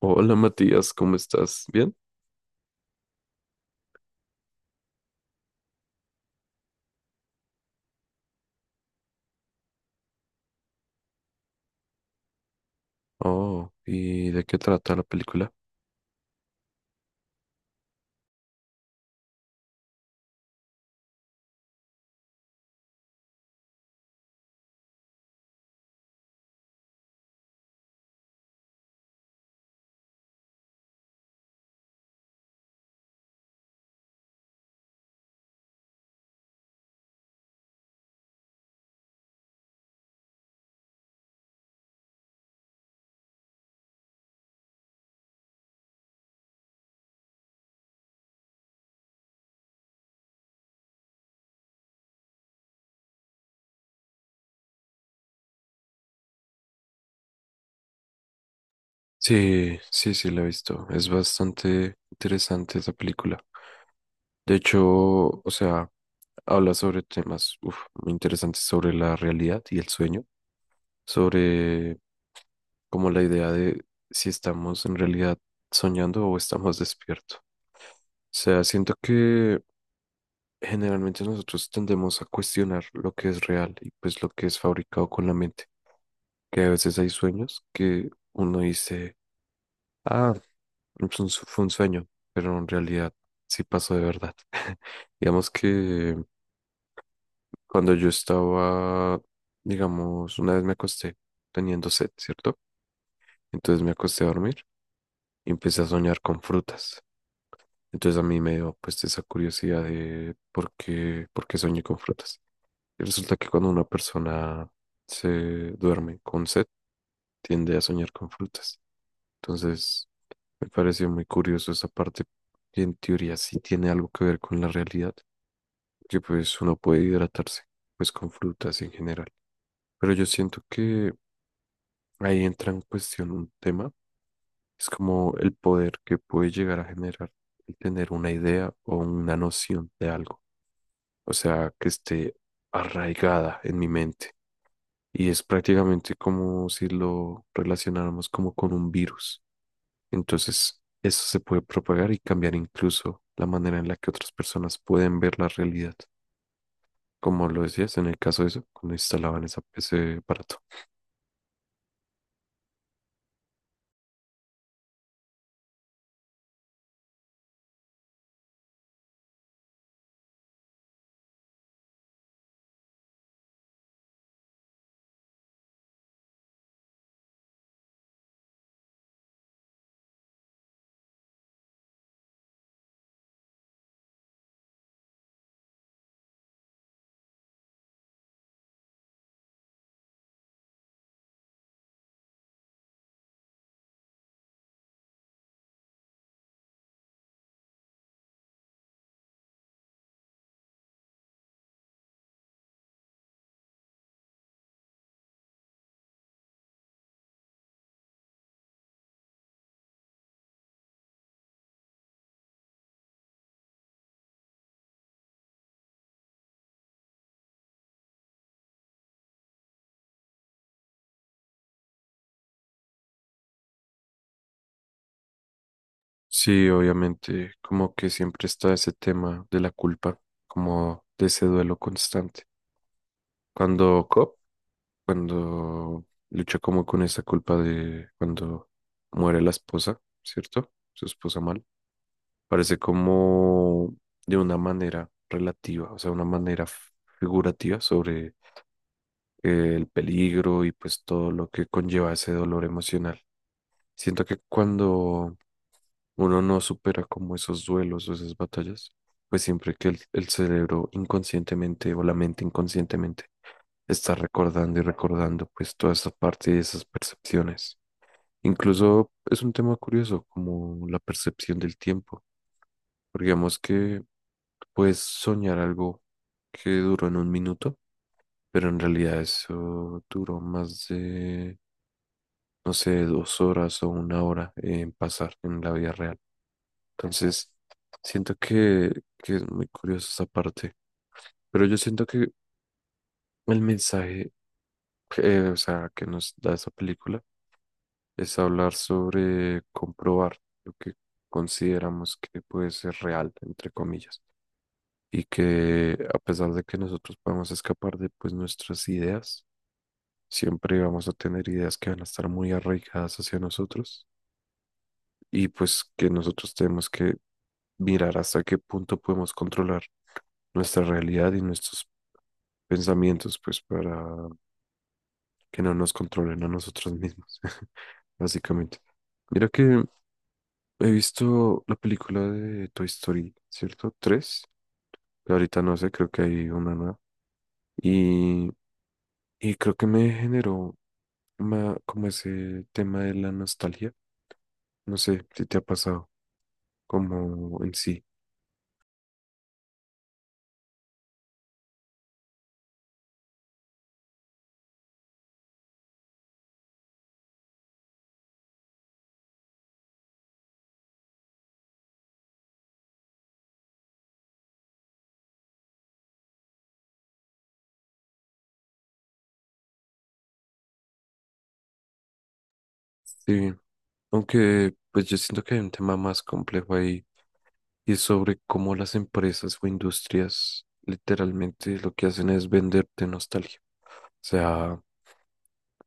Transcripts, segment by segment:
Hola Matías, ¿cómo estás? ¿Bien? Oh, ¿y de qué trata la película? Sí, sí, sí, la he visto. Es bastante interesante esa película. De hecho, o sea, habla sobre temas uf, muy interesantes sobre la realidad y el sueño, sobre como la idea de si estamos en realidad soñando o estamos despiertos. O sea, siento que generalmente nosotros tendemos a cuestionar lo que es real y pues lo que es fabricado con la mente, que a veces hay sueños que uno dice, ah, fue un sueño, pero en realidad sí pasó de verdad. Digamos que cuando yo estaba, digamos, una vez me acosté teniendo sed, ¿cierto? Entonces me acosté a dormir y empecé a soñar con frutas. Entonces a mí me dio pues esa curiosidad de por qué soñé con frutas. Y resulta que cuando una persona se duerme con sed, tiende a soñar con frutas. Entonces, me pareció muy curioso esa parte, que en teoría sí tiene algo que ver con la realidad, que pues uno puede hidratarse pues con frutas en general. Pero yo siento que ahí entra en cuestión un tema, es como el poder que puede llegar a generar el tener una idea o una noción de algo, o sea, que esté arraigada en mi mente. Y es prácticamente como si lo relacionáramos como con un virus. Entonces, eso se puede propagar y cambiar incluso la manera en la que otras personas pueden ver la realidad, como lo decías en el caso de eso, cuando instalaban ese aparato. Sí, obviamente, como que siempre está ese tema de la culpa, como de ese duelo constante. Cuando Cobb, cuando lucha como con esa culpa de cuando muere la esposa, ¿cierto? Su esposa mal parece como de una manera relativa, o sea, una manera figurativa sobre el peligro y pues todo lo que conlleva ese dolor emocional. Siento que cuando uno no supera como esos duelos o esas batallas, pues siempre que el cerebro inconscientemente o la mente inconscientemente está recordando y recordando pues toda esa parte y esas percepciones. Incluso es un tema curioso como la percepción del tiempo. Porque digamos que puedes soñar algo que duró en un minuto, pero en realidad eso duró más de, no sé, dos horas o una hora en pasar en la vida real. Entonces, siento que es muy curiosa esa parte. Pero yo siento que el mensaje, o sea, que nos da esa película es hablar sobre comprobar lo que consideramos que puede ser real, entre comillas, y que a pesar de que nosotros podamos escapar de pues nuestras ideas, siempre vamos a tener ideas que van a estar muy arraigadas hacia nosotros y pues que nosotros tenemos que mirar hasta qué punto podemos controlar nuestra realidad y nuestros pensamientos pues para que no nos controlen a nosotros mismos, básicamente. Mira que he visto la película de Toy Story, ¿cierto? Tres, que ahorita no sé, creo que hay una nueva. Y, y creo que me generó como ese tema de la nostalgia. No sé si te ha pasado como en sí. Sí, aunque pues yo siento que hay un tema más complejo ahí y es sobre cómo las empresas o industrias literalmente lo que hacen es venderte nostalgia. O sea,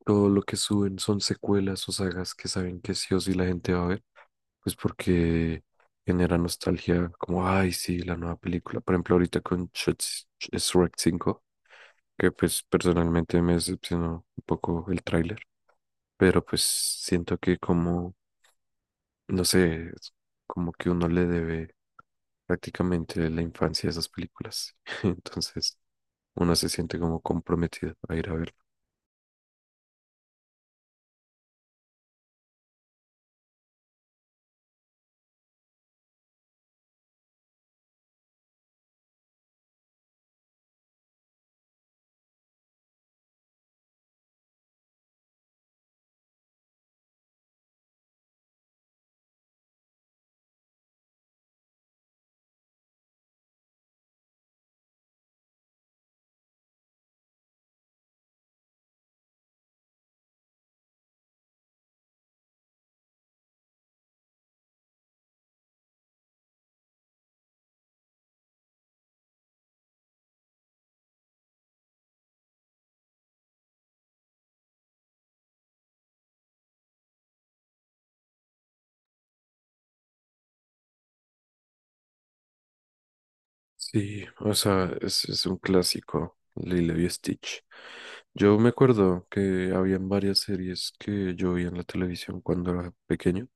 todo lo que suben son secuelas o sagas que saben que sí o sí la gente va a ver, pues porque genera nostalgia, como, ay, sí, la nueva película. Por ejemplo, ahorita con Shrek 5, que pues personalmente me decepcionó un poco el tráiler, pero pues siento que como, no sé, es como que uno le debe prácticamente la infancia a esas películas. Entonces, uno se siente como comprometido a ir a verlo. Sí, o sea, es un clásico, Lilo y Stitch. Yo me acuerdo que habían varias series que yo vi en la televisión cuando era pequeño,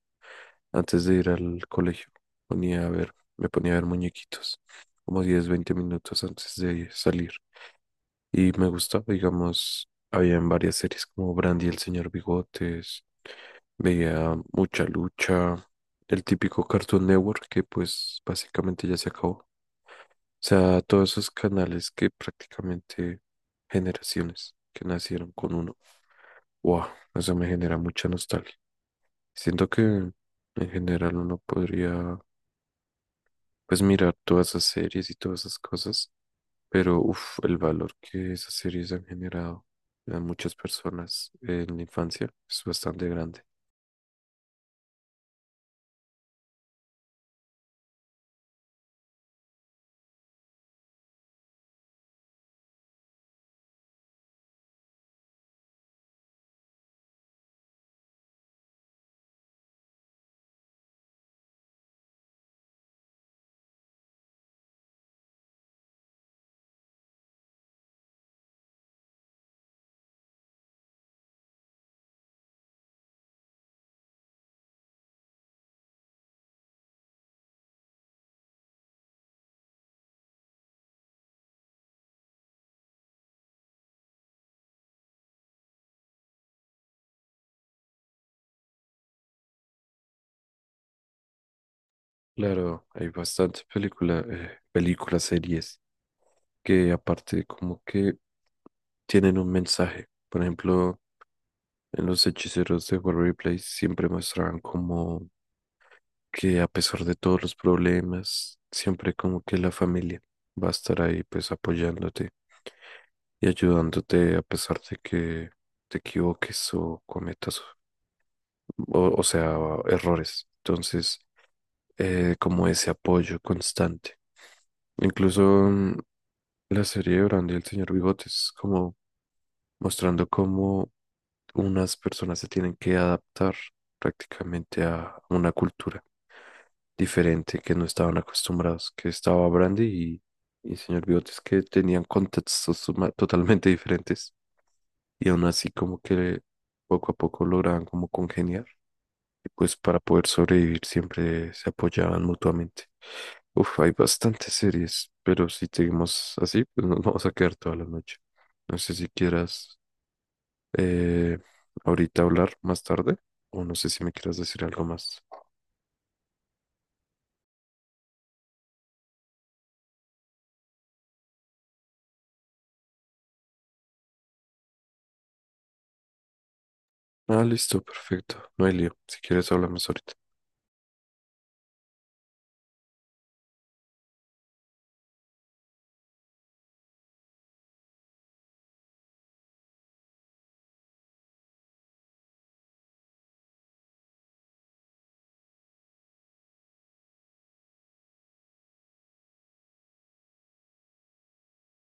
antes de ir al colegio. Ponía a ver, me ponía a ver muñequitos, como 10, 20 minutos antes de salir. Y me gustaba, digamos, habían varias series como Brandy y el Señor Bigotes, veía Mucha Lucha, el típico Cartoon Network que pues básicamente ya se acabó, o sea, todos esos canales que prácticamente generaciones que nacieron con uno. Wow, eso me genera mucha nostalgia. Siento que en general uno podría, pues, mirar todas esas series y todas esas cosas, pero uff, el valor que esas series han generado a muchas personas en la infancia es bastante grande. Claro, hay bastantes películas, series que aparte como que tienen un mensaje. Por ejemplo, en los hechiceros de Waverly Place siempre mostraban como que a pesar de todos los problemas, siempre como que la familia va a estar ahí pues apoyándote y ayudándote a pesar de que te equivoques o cometas, o sea, errores. Entonces, como ese apoyo constante. Incluso la serie de Brandy y el señor Bigotes, como mostrando cómo unas personas se tienen que adaptar prácticamente a una cultura diferente que no estaban acostumbrados, que estaba Brandy y señor Bigotes que tenían contextos totalmente diferentes y aún así como que poco a poco lograban como congeniar y pues para poder sobrevivir siempre se apoyaban mutuamente. Uf, hay bastantes series, pero si seguimos así, pues nos vamos a quedar toda la noche. No sé si quieras eh, ahorita hablar más tarde, o no sé si me quieras decir algo más. Ah, listo, perfecto. No hay lío. Si quieres, hablamos ahorita.